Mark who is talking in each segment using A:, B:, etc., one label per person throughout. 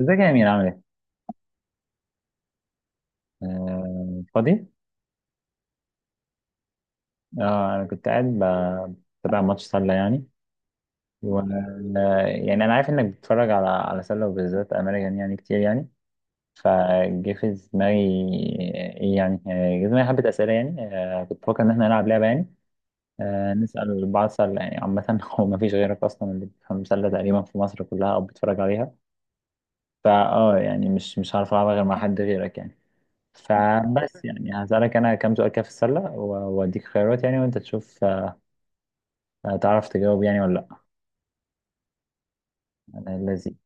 A: ازيك يا أمير، عامل ايه؟ فاضي؟ اه أنا كنت قاعد بتابع ماتش سلة يعني. و آه، يعني أنا عارف إنك بتتفرج على سلة وبالذات أمريكان يعني، كتير يعني. فجه في دماغي. إيه يعني؟ جه في دماغي حبة أسئلة يعني. كنت بفكر إن إحنا نلعب لعبة يعني، نسأل بعض سلة يعني عامة. هو مفيش غيرك أصلا اللي بيفهم سلة تقريبا في مصر كلها أو بتتفرج عليها. يعني مش هعرف ألعبها غير مع حد غيرك يعني. يعني هسألك أنا كام سؤال كده في السلة وأديك خيارات يعني، وأنت تشوف. هتعرف تجاوب يعني ولا لأ؟ أنا الذي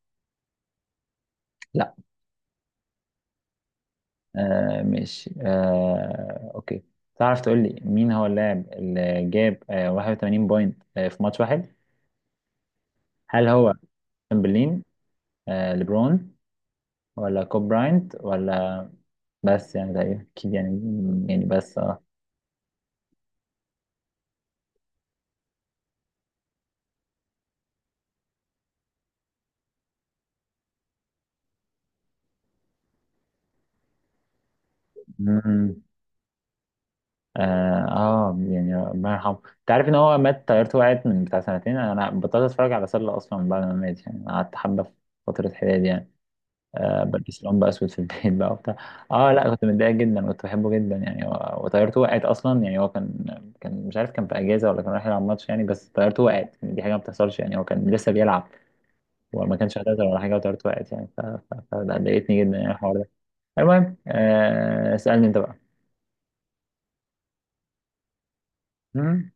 A: لأ. ماشي، أوكي. تعرف تقول لي مين هو اللاعب اللي جاب 81 بوينت في ماتش واحد؟ هل هو تشامبرلين، ليبرون، ولا كوب براينت، ولا؟ بس يعني تقريبا أكيد يعني. يعني بس مم. اه. يعني ربنا يرحمه، انت عارف ان هو مات، طيارته وقعت من بتاع سنتين. انا بطلت اتفرج على سله اصلا بعد ما مات يعني، قعدت حبه في فتره حياتي يعني. بلبس لون بقى اسود في البيت بقى وبتاع. اه، لا كنت متضايق جدا، كنت بحبه جدا يعني. وطيارته وقعت اصلا يعني. هو كان، كان مش عارف كان في اجازه ولا كان رايح يلعب ماتش يعني، بس طيارته وقعت يعني. دي حاجه ما بتحصلش يعني، هو كان لسه بيلعب وما كانش هتقدر ولا حاجه، وطيارته وقعت يعني. فده ضايقتني جدا يعني الحوار ده. المهم اسالني انت بقى. مم.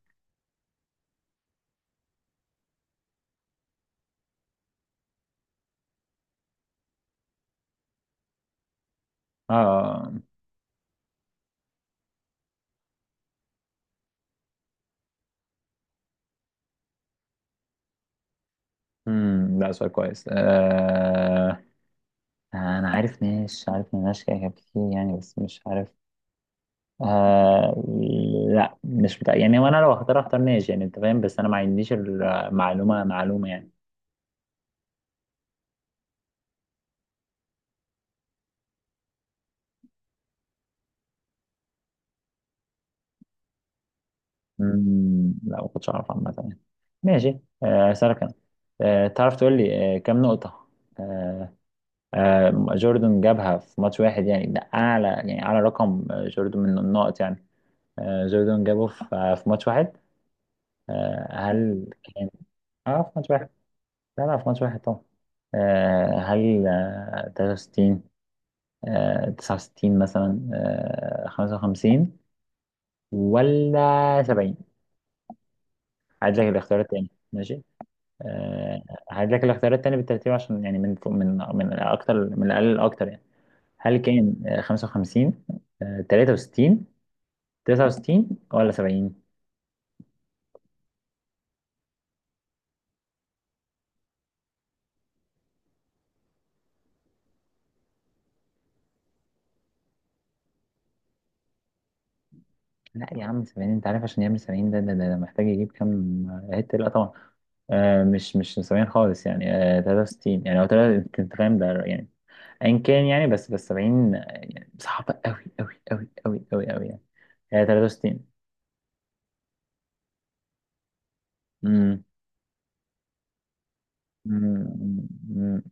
A: اه. امم، لا سؤال كويس. انا عارف ناس، عارف ناس كده كتير يعني بس مش عارف. آه لا، مش بتاع يعني. وانا لو هختار اختار ناس يعني، انت فاهم، بس انا ما عنديش المعلومه، معلومه يعني. امم، لا ما كنتش اعرف عامه يعني. ماشي، اسالك انا. تعرف تقول لي كام نقطه آه جوردن جابها في ماتش واحد يعني، ده اعلى يعني اعلى رقم جوردن من النقط يعني. جوردن جابه في في ماتش واحد. هل كان ألعب في ماتش واحد؟ ألعب في ماتش واحد طبعا. هل 63، 69 مثلا، 55، ولا 70؟ هعيد لك الاختيار التاني، ماشي. آه، هعيد لك الاختيار التاني بالترتيب، عشان يعني من من أكتر، من الأقل للأكتر يعني. هل كان 55، 63، 69، ولا 70؟ لا يا عم، 70 انت عارف عشان يعمل 70 ده محتاج يجيب كام هيت؟ لا طبعا. مش نسبيا خالص يعني. 63 يعني، هو انت، أنت فاهم ده يعني. ايا كان يعني، بس 70 يعني صعبة قوي يعني. هي 63. امم. امم. أمم.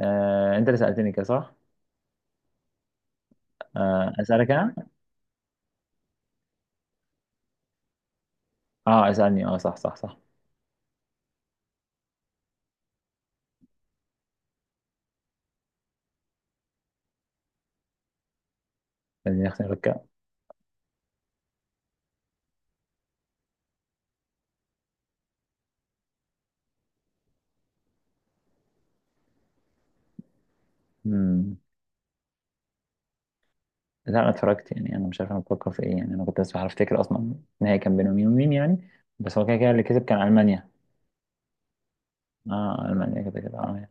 A: انت اللي سألتني كده صح؟ اسألك انا؟ اه اسألني، اه، صح. خليني اختار كده. امم، لا انا اتفرجت يعني. انا مش عارف انا بفكر في ايه يعني. انا كنت بس بعرف افتكر اصلا النهائي كان بين مين ومين يعني. بس هو كده كده اللي كسب كان المانيا. اه، المانيا كده كده، اه.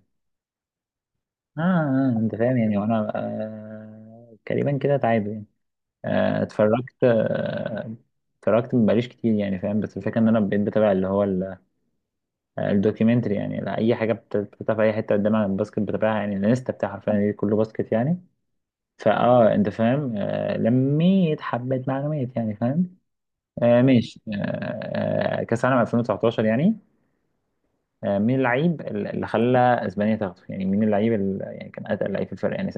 A: أنت فاهم يعني، وأنا تقريبا كده تعادل يعني. اتفرجت، اتفرجت مبقاليش كتير يعني، فاهم، بس الفكرة إن أنا بقيت بتابع اللي هو الدوكيومنتري يعني. لا، أي حاجة بتتابع في أي حتة قدام عن الباسكت بتابعها يعني. الانستا بتاعي حرفيا يعني كله باسكت يعني. أنت فاهم، لميت حبة معلومات يعني، فاهم. ماشي. كأس العالم 2019 يعني، مين اللعيب اللي خلى أسبانيا تاخده يعني؟ مين اللعيب اللي يعني كان أتقل لعيب في الفرق يعني،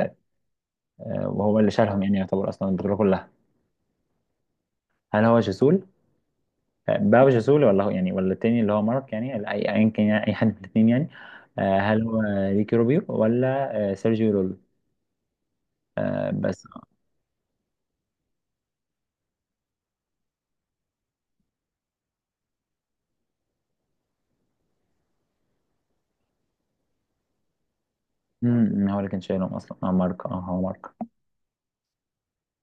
A: وهو اللي شالهم يعني، يعتبر اصلا البطوله كلها. هل هو جسول، باو جسول، ولا هو يعني ولا التاني اللي هو مارك يعني، ال- اي ايا كان يعني، اي حد من الاثنين يعني. هل هو ريكي روبيو، ولا سيرجيو رول؟ آه، بس امم، هو اللي كان شايلهم اصلا، اه مارك، اه هو مارك.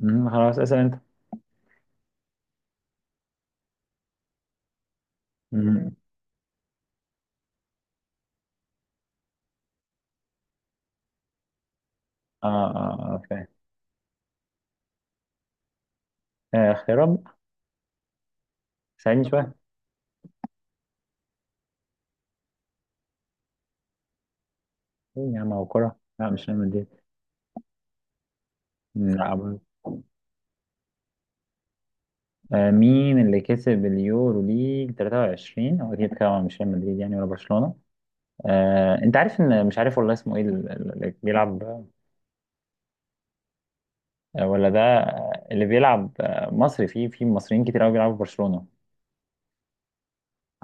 A: امم، خلاص اسال انت. امم. اه اه فاهم. اختيارات، ساعدني شويه. ايه يا عم، هو كوره، لا مش ريال مدريد. مم، لا برضه. مين اللي كسب اليورو ليج 23؟ هو اكيد طبعا مش ريال مدريد يعني، ولا برشلونه. انت عارف ان مش عارف والله اسمه ايه اللي بيلعب، ولا ده اللي بيلعب مصري. في مصريين كتير قوي بيلعبوا في برشلونة.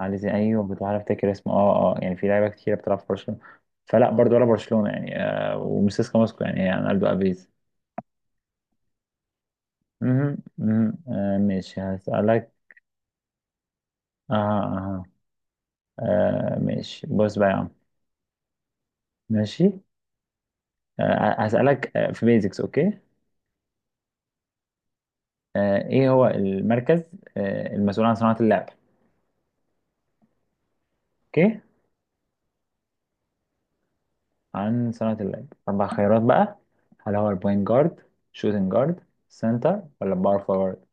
A: علي زي، ايوه كنت بعرف افتكر اسمه، اه اه. يعني في لعيبه كتير بتلعب في برشلونة، فلا برضه، ولا برشلونة يعني. ومسيسكا موسكو يعني، يعني الدو ابيز. مهم، مهم. ماشي هسألك. اه اه. آه، ماشي بص بقى يا عم، ماشي. هسألك، في بيزكس، اوكي. ايه هو المركز المسؤول عن صناعة اللعب؟ اوكي. عن صناعة اللعب أربع خيارات بقى. هل هو البوينت جارد، شوتنج جارد، سنتر، ولا باور فورورد؟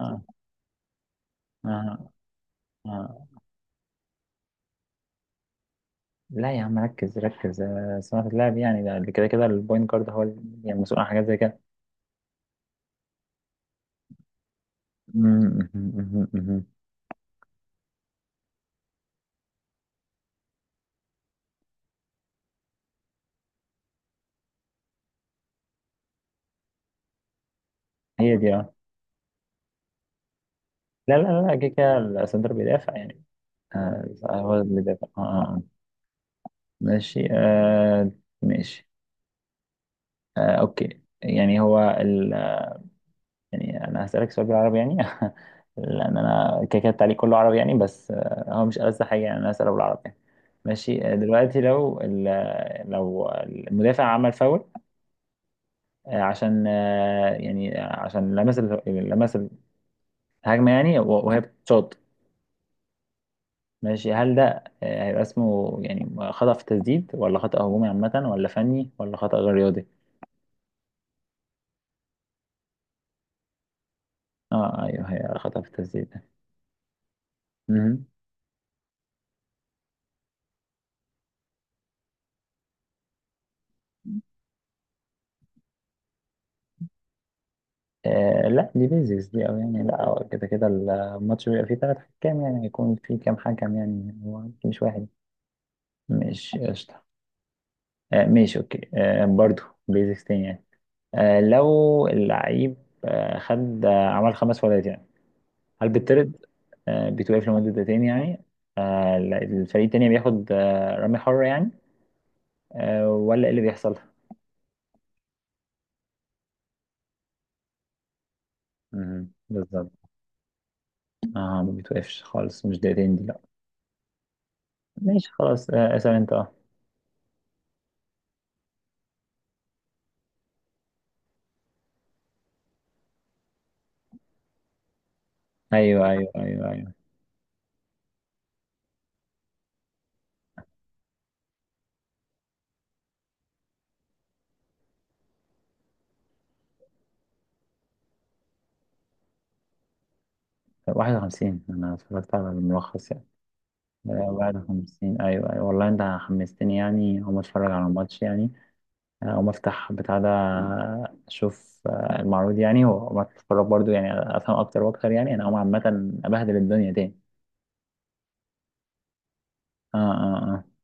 A: آه. آه. آه. لا يا عم، ركز صناعة اللعب يعني ده اللي كده كده البوينت جارد هو يعني مسؤول عن حاجات زي كده. مم، مم، مم، مم. هي دي، اه. لا كده كده السنتر بيدافع يعني. آه هو اللي بيدافع ماشي. ماشي. أوكي يعني، هو يعني انا هسألك سؤال بالعربي يعني لان انا كده كده التعليق كله عربي يعني، بس هو مش ألذ حاجه يعني، انا هسأله بالعربي يعني. ماشي، دلوقتي لو لو المدافع عمل فاول، عشان يعني عشان لمس لمس الهجمه يعني، وهي بتشوط. ماشي، هل ده هيبقى اسمه يعني خطأ في التسديد، ولا خطأ هجومي عامة، ولا فني، ولا خطأ غير رياضي؟ اه ايوه، هي خطأ في التسديد ده. لا، دي بيزكس دي أوي يعني، لا هو كده كده الماتش بيبقى فيه تلات حكام يعني، هيكون فيه كام حكم يعني هو مش واحد؟ مش قشطة. ماشي أوكي، برضه بيزكس تاني يعني. لو اللعيب خد عمل خمس فاولات يعني، هل بيطرد، بيتوقف لمدة دقيقتين يعني، لا، الفريق التاني بياخد رمي حرة يعني، ولا إيه اللي بيحصل؟ مهم. بالظبط. اه ما بتوقفش خالص، مش دقيقتين دي، لا. ماشي خلاص، اسأل انت، اه. ايوه. واحد وخمسين، أنا اتفرجت على الملخص يعني. واحد وخمسين، أيوة أيوة والله، أنت حمستني يعني أقوم أتفرج على الماتش يعني. أقوم أفتح بتاع ده، أشوف المعروض يعني، وأقوم أتفرج برضو يعني، أفهم أكتر وأكتر يعني. أنا أقوم عامة أبهدل الدنيا تاني. آه.